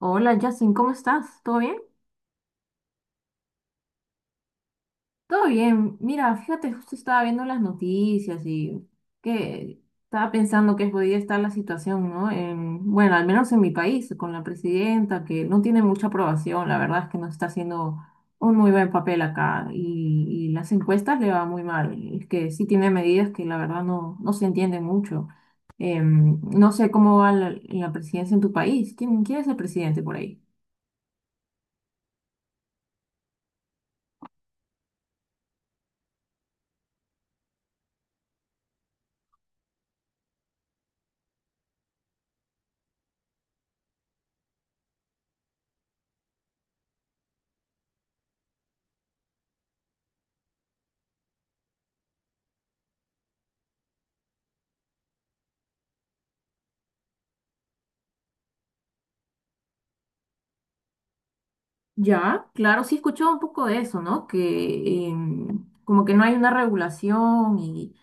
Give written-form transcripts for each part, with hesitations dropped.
Hola, Justin, ¿cómo estás? ¿Todo bien? Todo bien. Mira, fíjate, justo estaba viendo las noticias y que estaba pensando que podía estar la situación, ¿no? Bueno, al menos en mi país, con la presidenta, que no tiene mucha aprobación, la verdad es que no está haciendo un muy buen papel acá y las encuestas le va muy mal. Es que sí tiene medidas que la verdad no se entiende mucho. No sé cómo va la presidencia en tu país. ¿Quién es el presidente por ahí? Ya, claro, sí he escuchado un poco de eso, ¿no? Que como que no hay una regulación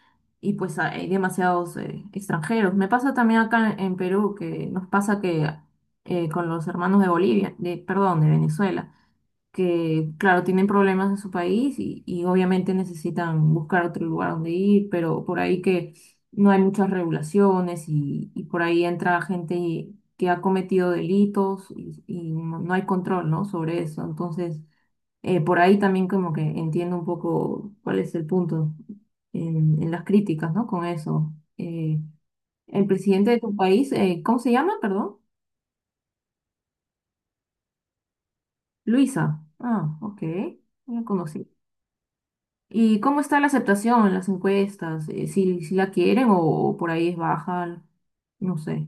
y pues hay demasiados extranjeros. Me pasa también acá en Perú, que nos pasa que con los hermanos de Bolivia, perdón, de Venezuela que, claro, tienen problemas en su país y obviamente necesitan buscar otro lugar donde ir, pero por ahí que no hay muchas regulaciones y por ahí entra gente que ha cometido delitos y no hay control, ¿no? Sobre eso. Entonces, por ahí también como que entiendo un poco cuál es el punto en las críticas, ¿no? Con eso. El presidente de tu país, ¿cómo se llama? Perdón. Luisa. Ah, ok. No la conocía. ¿Y cómo está la aceptación en las encuestas? Si la quieren o por ahí es baja, no sé.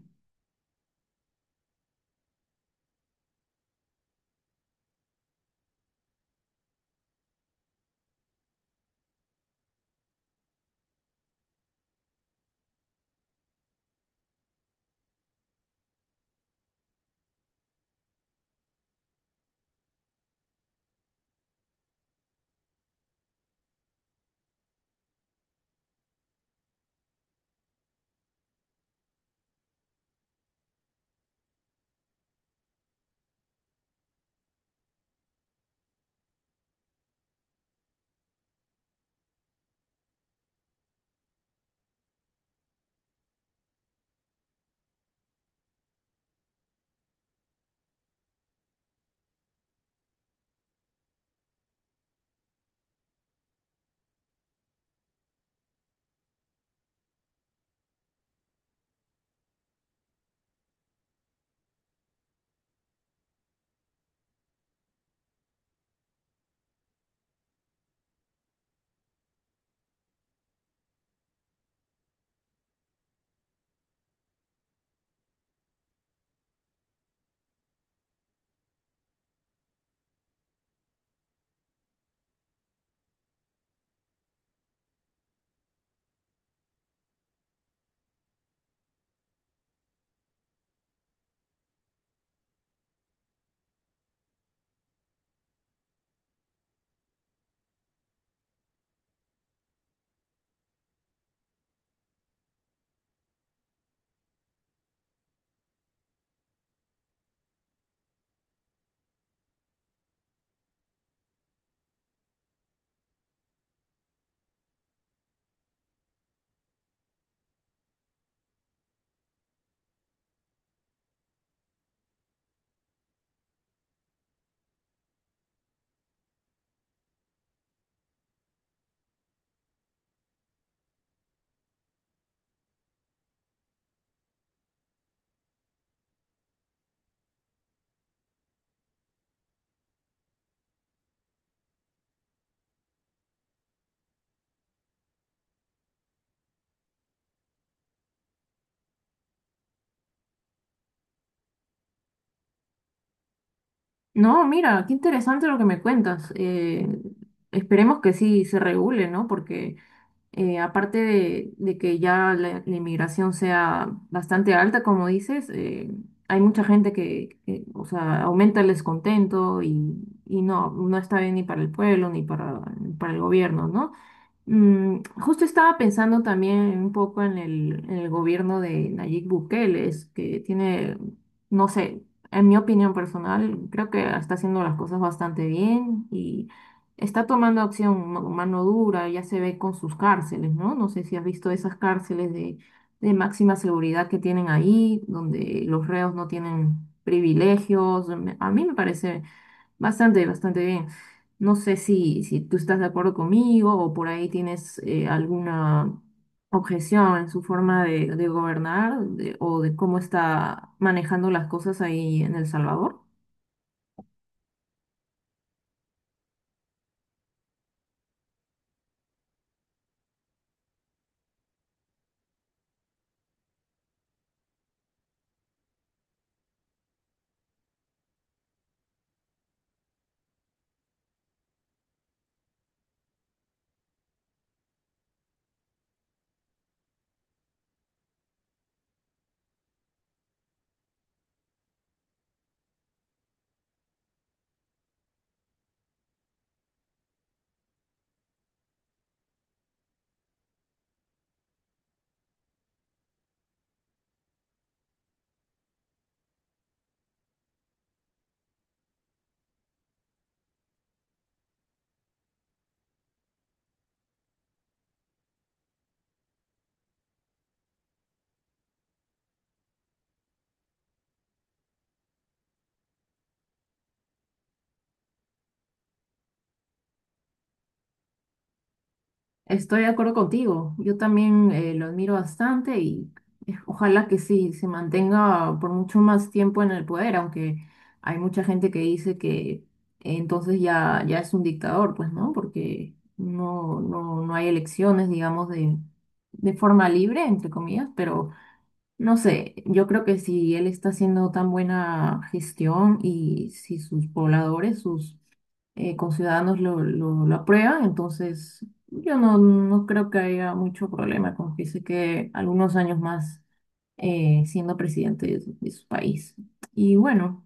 No, mira, qué interesante lo que me cuentas. Esperemos que sí se regule, ¿no? Porque aparte de que ya la inmigración sea bastante alta, como dices, hay mucha gente que o sea, aumenta el descontento y no está bien ni para el pueblo ni para, para el gobierno, ¿no? Justo estaba pensando también un poco en el gobierno de Nayib Bukele, es que tiene, no sé, en mi opinión personal, creo que está haciendo las cosas bastante bien y está tomando acción mano dura, ya se ve con sus cárceles, ¿no? No sé si has visto esas cárceles de máxima seguridad que tienen ahí, donde los reos no tienen privilegios. A mí me parece bastante, bastante bien. No sé si, si tú estás de acuerdo conmigo o por ahí tienes alguna objeción en su forma de gobernar o de cómo está manejando las cosas ahí en El Salvador. Estoy de acuerdo contigo. Yo también lo admiro bastante y ojalá que sí se mantenga por mucho más tiempo en el poder, aunque hay mucha gente que dice que entonces ya es un dictador, pues, ¿no? Porque no hay elecciones, digamos, de forma libre, entre comillas, pero no sé, yo creo que si él está haciendo tan buena gestión y si sus pobladores, sus conciudadanos lo aprueban, entonces yo no creo que haya mucho problema con que se quede algunos años más, siendo presidente de su país. Y bueno.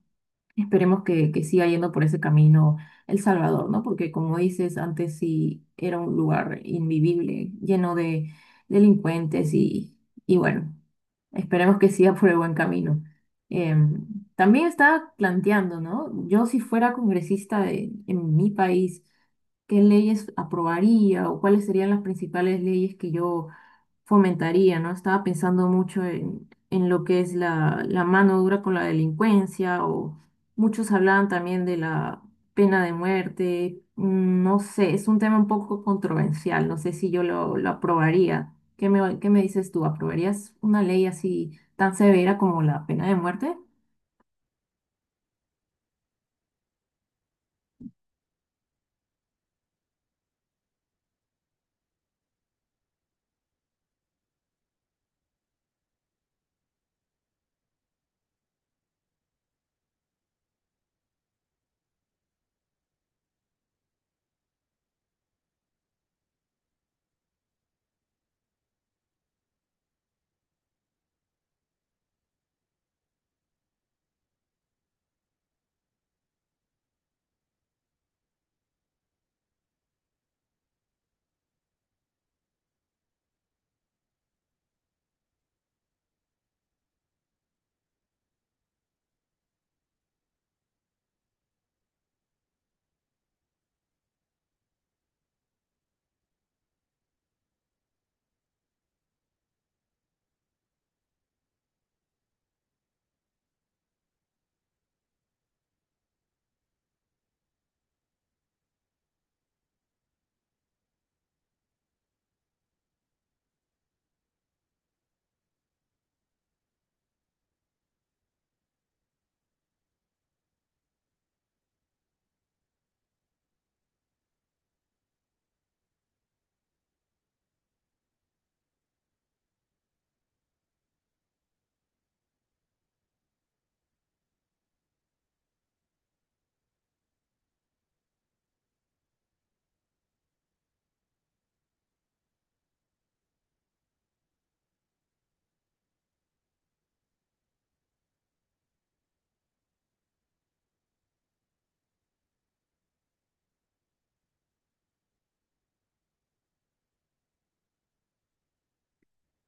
Esperemos que siga yendo por ese camino El Salvador, ¿no? Porque como dices, antes sí era un lugar invivible, lleno de delincuentes y bueno, esperemos que siga por el buen camino. Em, También estaba planteando, ¿no? Yo, si fuera congresista en mi país, ¿qué leyes aprobaría o cuáles serían las principales leyes que yo fomentaría, ¿no? Estaba pensando mucho en lo que es la mano dura con la delincuencia, o muchos hablaban también de la pena de muerte. No sé, es un tema un poco controversial, no sé si yo lo aprobaría. ¿Qué me dices tú? ¿Aprobarías una ley así tan severa como la pena de muerte?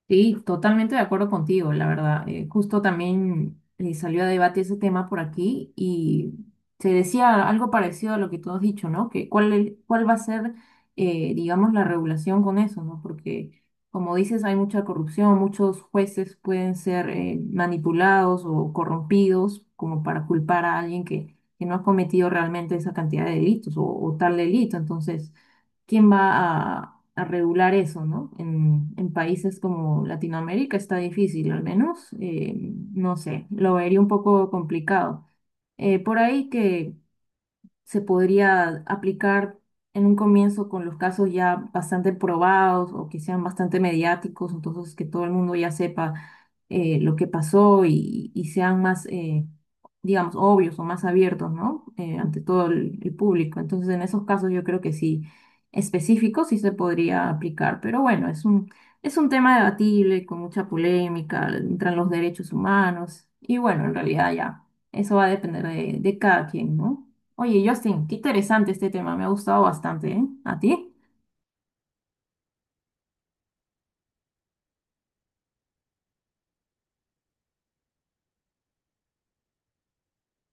Sí, totalmente de acuerdo contigo, la verdad. Justo también salió a debate ese tema por aquí y se decía algo parecido a lo que tú has dicho, ¿no? Que cuál, cuál va a ser, digamos, la regulación con eso, ¿no? Porque, como dices, hay mucha corrupción, muchos jueces pueden ser manipulados o corrompidos como para culpar a alguien que no ha cometido realmente esa cantidad de delitos o tal delito. Entonces, a regular eso, ¿no? En países como Latinoamérica está difícil, al menos, no sé, lo vería un poco complicado. Por ahí que se podría aplicar en un comienzo con los casos ya bastante probados o que sean bastante mediáticos, entonces que todo el mundo ya sepa lo que pasó y sean más, digamos, obvios o más abiertos, ¿no? Ante todo el público. Entonces, en esos casos yo creo que sí, específicos sí se podría aplicar, pero bueno, es un tema debatible, con mucha polémica, entran los derechos humanos y bueno, en realidad ya, eso va a depender de cada quien, ¿no? Oye, Justin, qué interesante este tema, me ha gustado bastante, ¿eh? ¿A ti?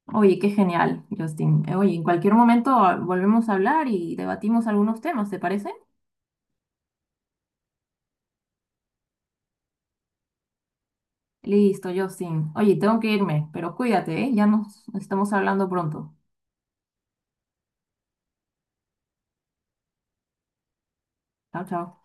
Oye, qué genial, Justin. Oye, en cualquier momento, ah, volvemos a hablar y debatimos algunos temas, ¿te parece? Listo, Justin. Oye, tengo que irme, pero cuídate, ¿eh? Ya nos estamos hablando pronto. Chao, chao.